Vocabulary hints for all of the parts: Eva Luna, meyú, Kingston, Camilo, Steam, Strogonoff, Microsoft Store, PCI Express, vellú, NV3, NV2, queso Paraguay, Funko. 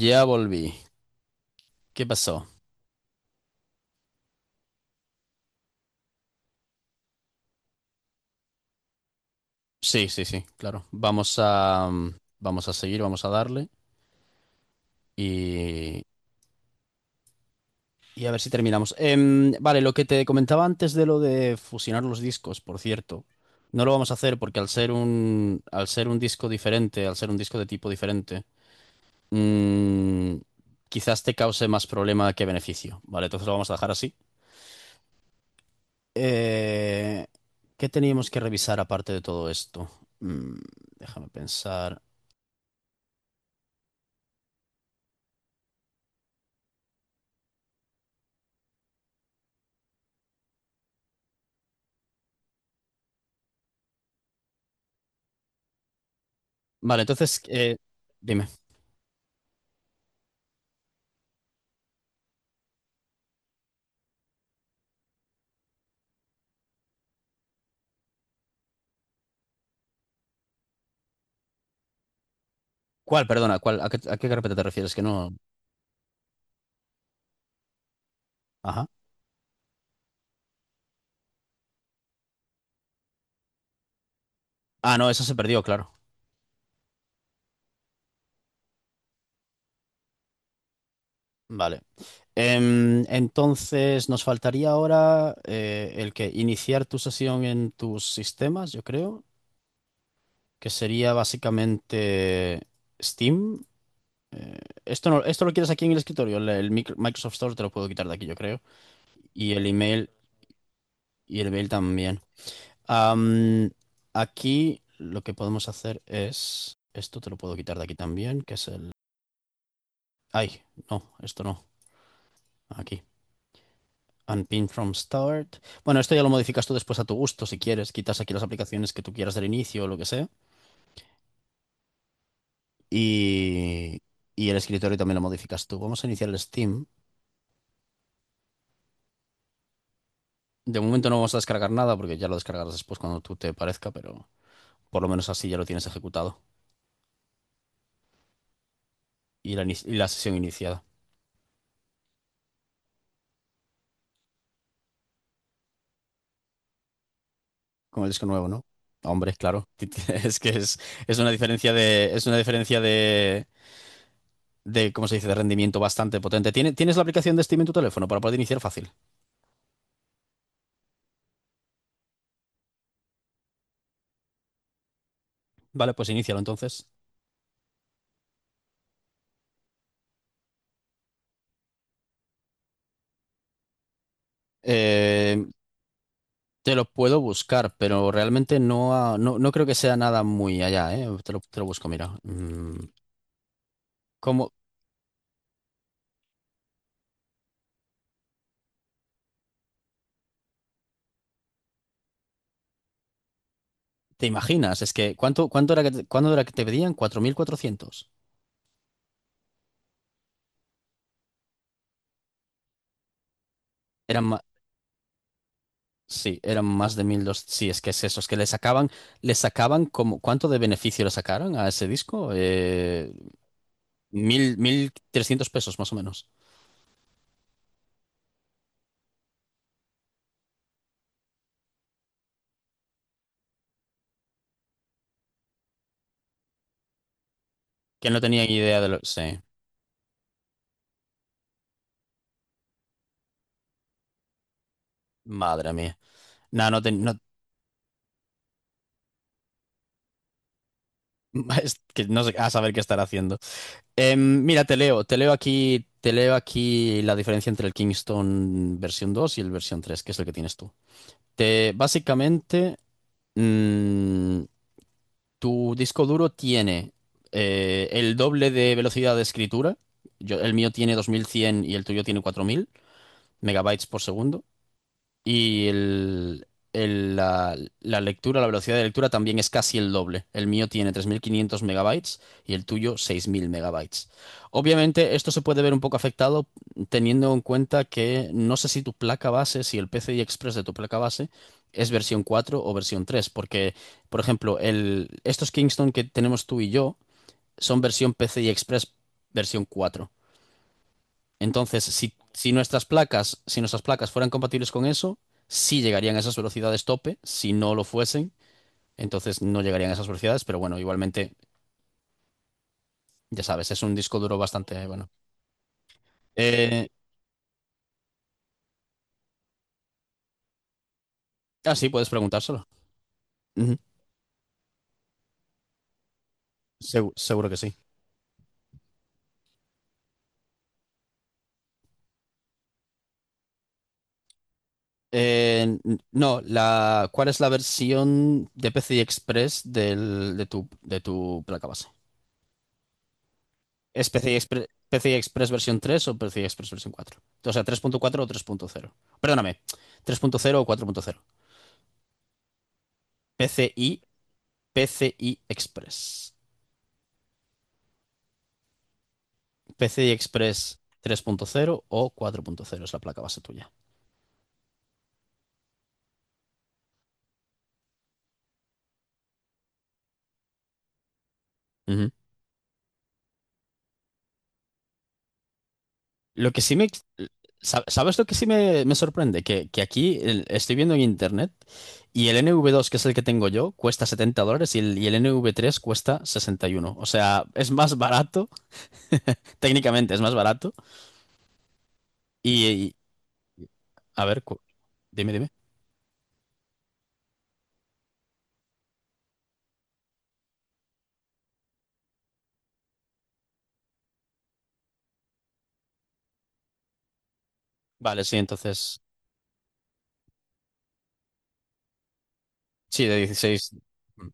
Ya volví. ¿Qué pasó? Sí, sí, sí, claro. Vamos a seguir, vamos a darle y, y a ver si terminamos. Vale, lo que te comentaba antes de lo de fusionar los discos, por cierto, no lo vamos a hacer porque al ser un disco de tipo diferente, mm, quizás te cause más problema que beneficio. Vale, entonces lo vamos a dejar así. Eh, ¿Qué teníamos que revisar aparte de todo esto? Mm, Déjame pensar. Vale, entonces, dime. ¿Cuál? Perdona, ¿cuál? ¿A qué carpeta te refieres? Que no. Ajá. Ah, no, esa se perdió, claro. Vale. Entonces, nos faltaría ahora el que iniciar tu sesión en tus sistemas, yo creo, que sería básicamente Steam. Eh, Esto no, esto lo quieres aquí en el escritorio. El Microsoft Store te lo puedo quitar de aquí, yo creo. Y el email, y el email también. Am, Aquí lo que podemos hacer es. Esto te lo puedo quitar de aquí también, que es el. Ay, no, esto no. Aquí. Unpin from start. Bueno, esto ya lo modificas tú después a tu gusto, si quieres. Quitas aquí las aplicaciones que tú quieras del inicio o lo que sea. Y, y el escritorio también lo modificas tú. Vamos a iniciar el Steam. De momento no vamos a descargar nada porque ya lo descargarás después cuando tú te parezca, pero por lo menos así ya lo tienes ejecutado y la sesión iniciada. Con el disco nuevo, ¿no? Hombre, claro. Es que es, es una diferencia de, ¿cómo se dice?, de rendimiento bastante potente. ¿Tienes la aplicación de Steam en tu teléfono para poder iniciar fácil? Vale, pues inícialo entonces. Eh, Te lo puedo buscar, pero realmente no, no creo que sea nada muy allá, ¿eh? Te lo busco, mira. ¿Cómo te imaginas? Es que, ¿cuánto, cuánto era que te, cuándo era que te pedían? 4400. Eran, Sí, eran más de 1200. Sí, es que es eso, es que le sacaban como, ¿cuánto de beneficio le sacaron a ese disco? Mil trescientos pesos más o menos. Que no tenía ni idea de lo. Sí, madre mía. No, no, es que no sé a saber qué estar haciendo. Mira, te leo aquí la diferencia entre el Kingston versión 2 y el versión 3, que es el que tienes tú. Te, básicamente, mm, Tu disco duro tiene el doble de velocidad de escritura. El mío tiene 2100 y el tuyo tiene 4000 megabytes por segundo. Y el, la velocidad de lectura también es casi el doble. El mío tiene 3.500 megabytes y el tuyo 6.000 megabytes. Obviamente esto se puede ver un poco afectado teniendo en cuenta que no sé si tu placa base, si el PCI Express de tu placa base es versión 4 o versión 3 porque, por ejemplo, estos Kingston que tenemos tú y yo son versión PCI Express versión cuatro. Entonces, si nuestras placas fueran compatibles con eso, sí llegarían a esas velocidades tope. Si no lo fuesen, entonces no llegarían a esas velocidades. Pero bueno, igualmente, ya sabes, es un disco duro bastante bueno. Eh, ah, sí, puedes preguntárselo. Ujú, seguro que sí. Eh, no, ¿cuál es la versión de PCI Express de tu placa base? ¿Es PCI Express versión 3 o PCI Express versión cuatro? O sea, tres punto 4 o tres punto cero. Perdóname, tres punto cero o cuatro punto cero. PCI, PCI Express. PCI Express tres punto cero o cuatro punto cero es la placa base tuya. Ujú. Lo que sí me... sa- ¿Sabes lo que sí me sorprende? Que aquí estoy viendo en internet y el NV2, que es el que tengo yo, cuesta 70 dólares y el NV3 cuesta 61. O sea, es más barato, técnicamente es más barato. Y, A ver, dime, dime. Vale, sí, entonces. Sí, de 16. Mm.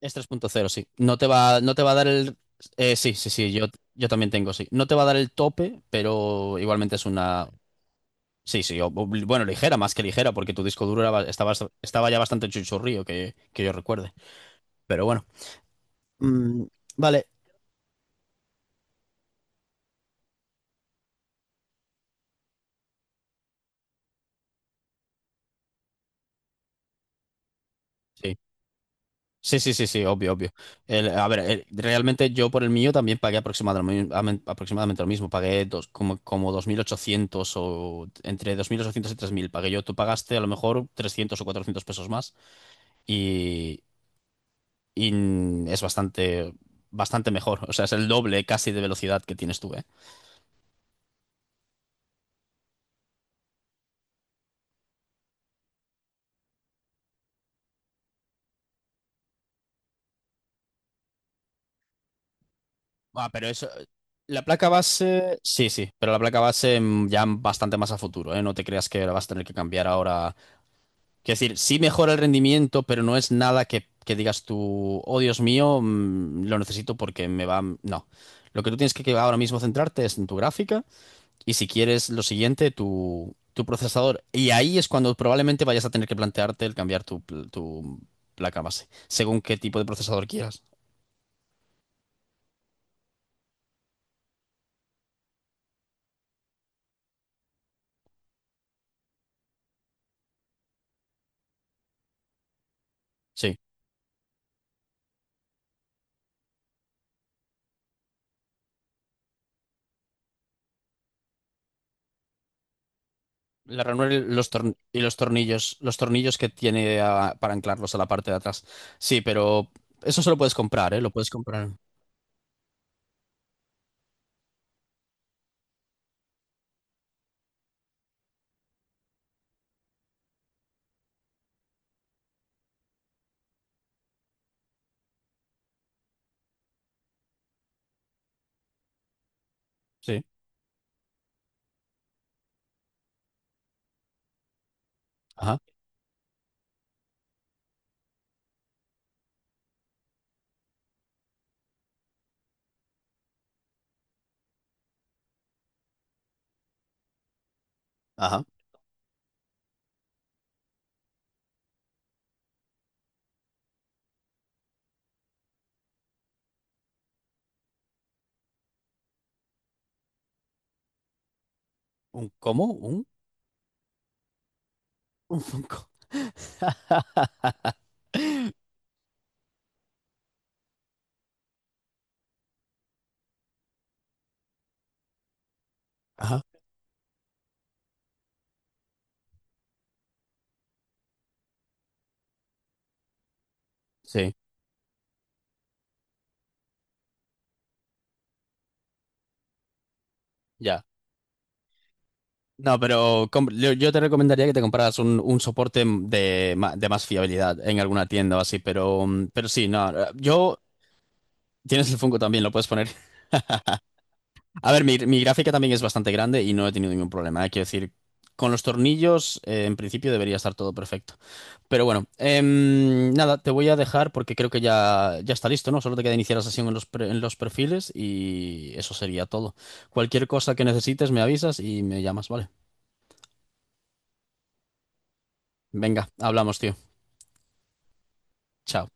Es tres punto cero, sí. No te va a dar el. Sí, sí, sí, yo también tengo, sí. No te va a dar el tope, pero igualmente es una. Sí, sí, bueno, ligera, más que ligera, porque tu disco duro era estaba ya bastante chuchurrío, que yo recuerde. Pero bueno. Mm, vale. Sí, sí, sí, sí, obvio, obvio. A ver, realmente yo por el mío también pagué aproximadamente lo mismo. Pagué como 2800 o entre 2800 y 3000 pagué yo. Tú pagaste a lo mejor 300 o 400 pesos más y, y es bastante, bastante mejor. O sea, es el doble casi de velocidad que tienes tú, ¿eh? Ah, pero eso... La placa base, sí, sí, pero la placa base ya bastante más a futuro, ¿eh? No te creas que la vas a tener que cambiar ahora. Quiero decir, sí mejora el rendimiento, pero no es nada que, digas tú, oh Dios mío, lo necesito porque me va. No. Lo que tú tienes que ahora mismo centrarte es en tu gráfica y si quieres lo siguiente, tu procesador. Y ahí es cuando probablemente vayas a tener que plantearte el cambiar tu placa base, según qué tipo de procesador quieras. Sí. La ranura y los, torn- y los tornillos que tiene para anclarlos a la parte de atrás. Sí, pero eso solo puedes comprar, ¿eh? Lo puedes comprar. Sí. Ajá. Ajá. ¿Un cómo? ¿Un? Un Funko. Ajá, sí, ya. No, pero yo te recomendaría que te compraras un soporte de más fiabilidad en alguna tienda o así, pero sí, no. Tienes el Funko también, lo puedes poner. A ver, mi gráfica también es bastante grande y no he tenido ningún problema. Hay que decir, con los tornillos, en principio debería estar todo perfecto. Pero bueno, nada, te voy a dejar porque creo que ya, ya, está listo, ¿no? Solo te queda iniciar la sesión en los perfiles y eso sería todo. Cualquier cosa que necesites, me avisas y me llamas, ¿vale? Venga, hablamos, tío. Chao.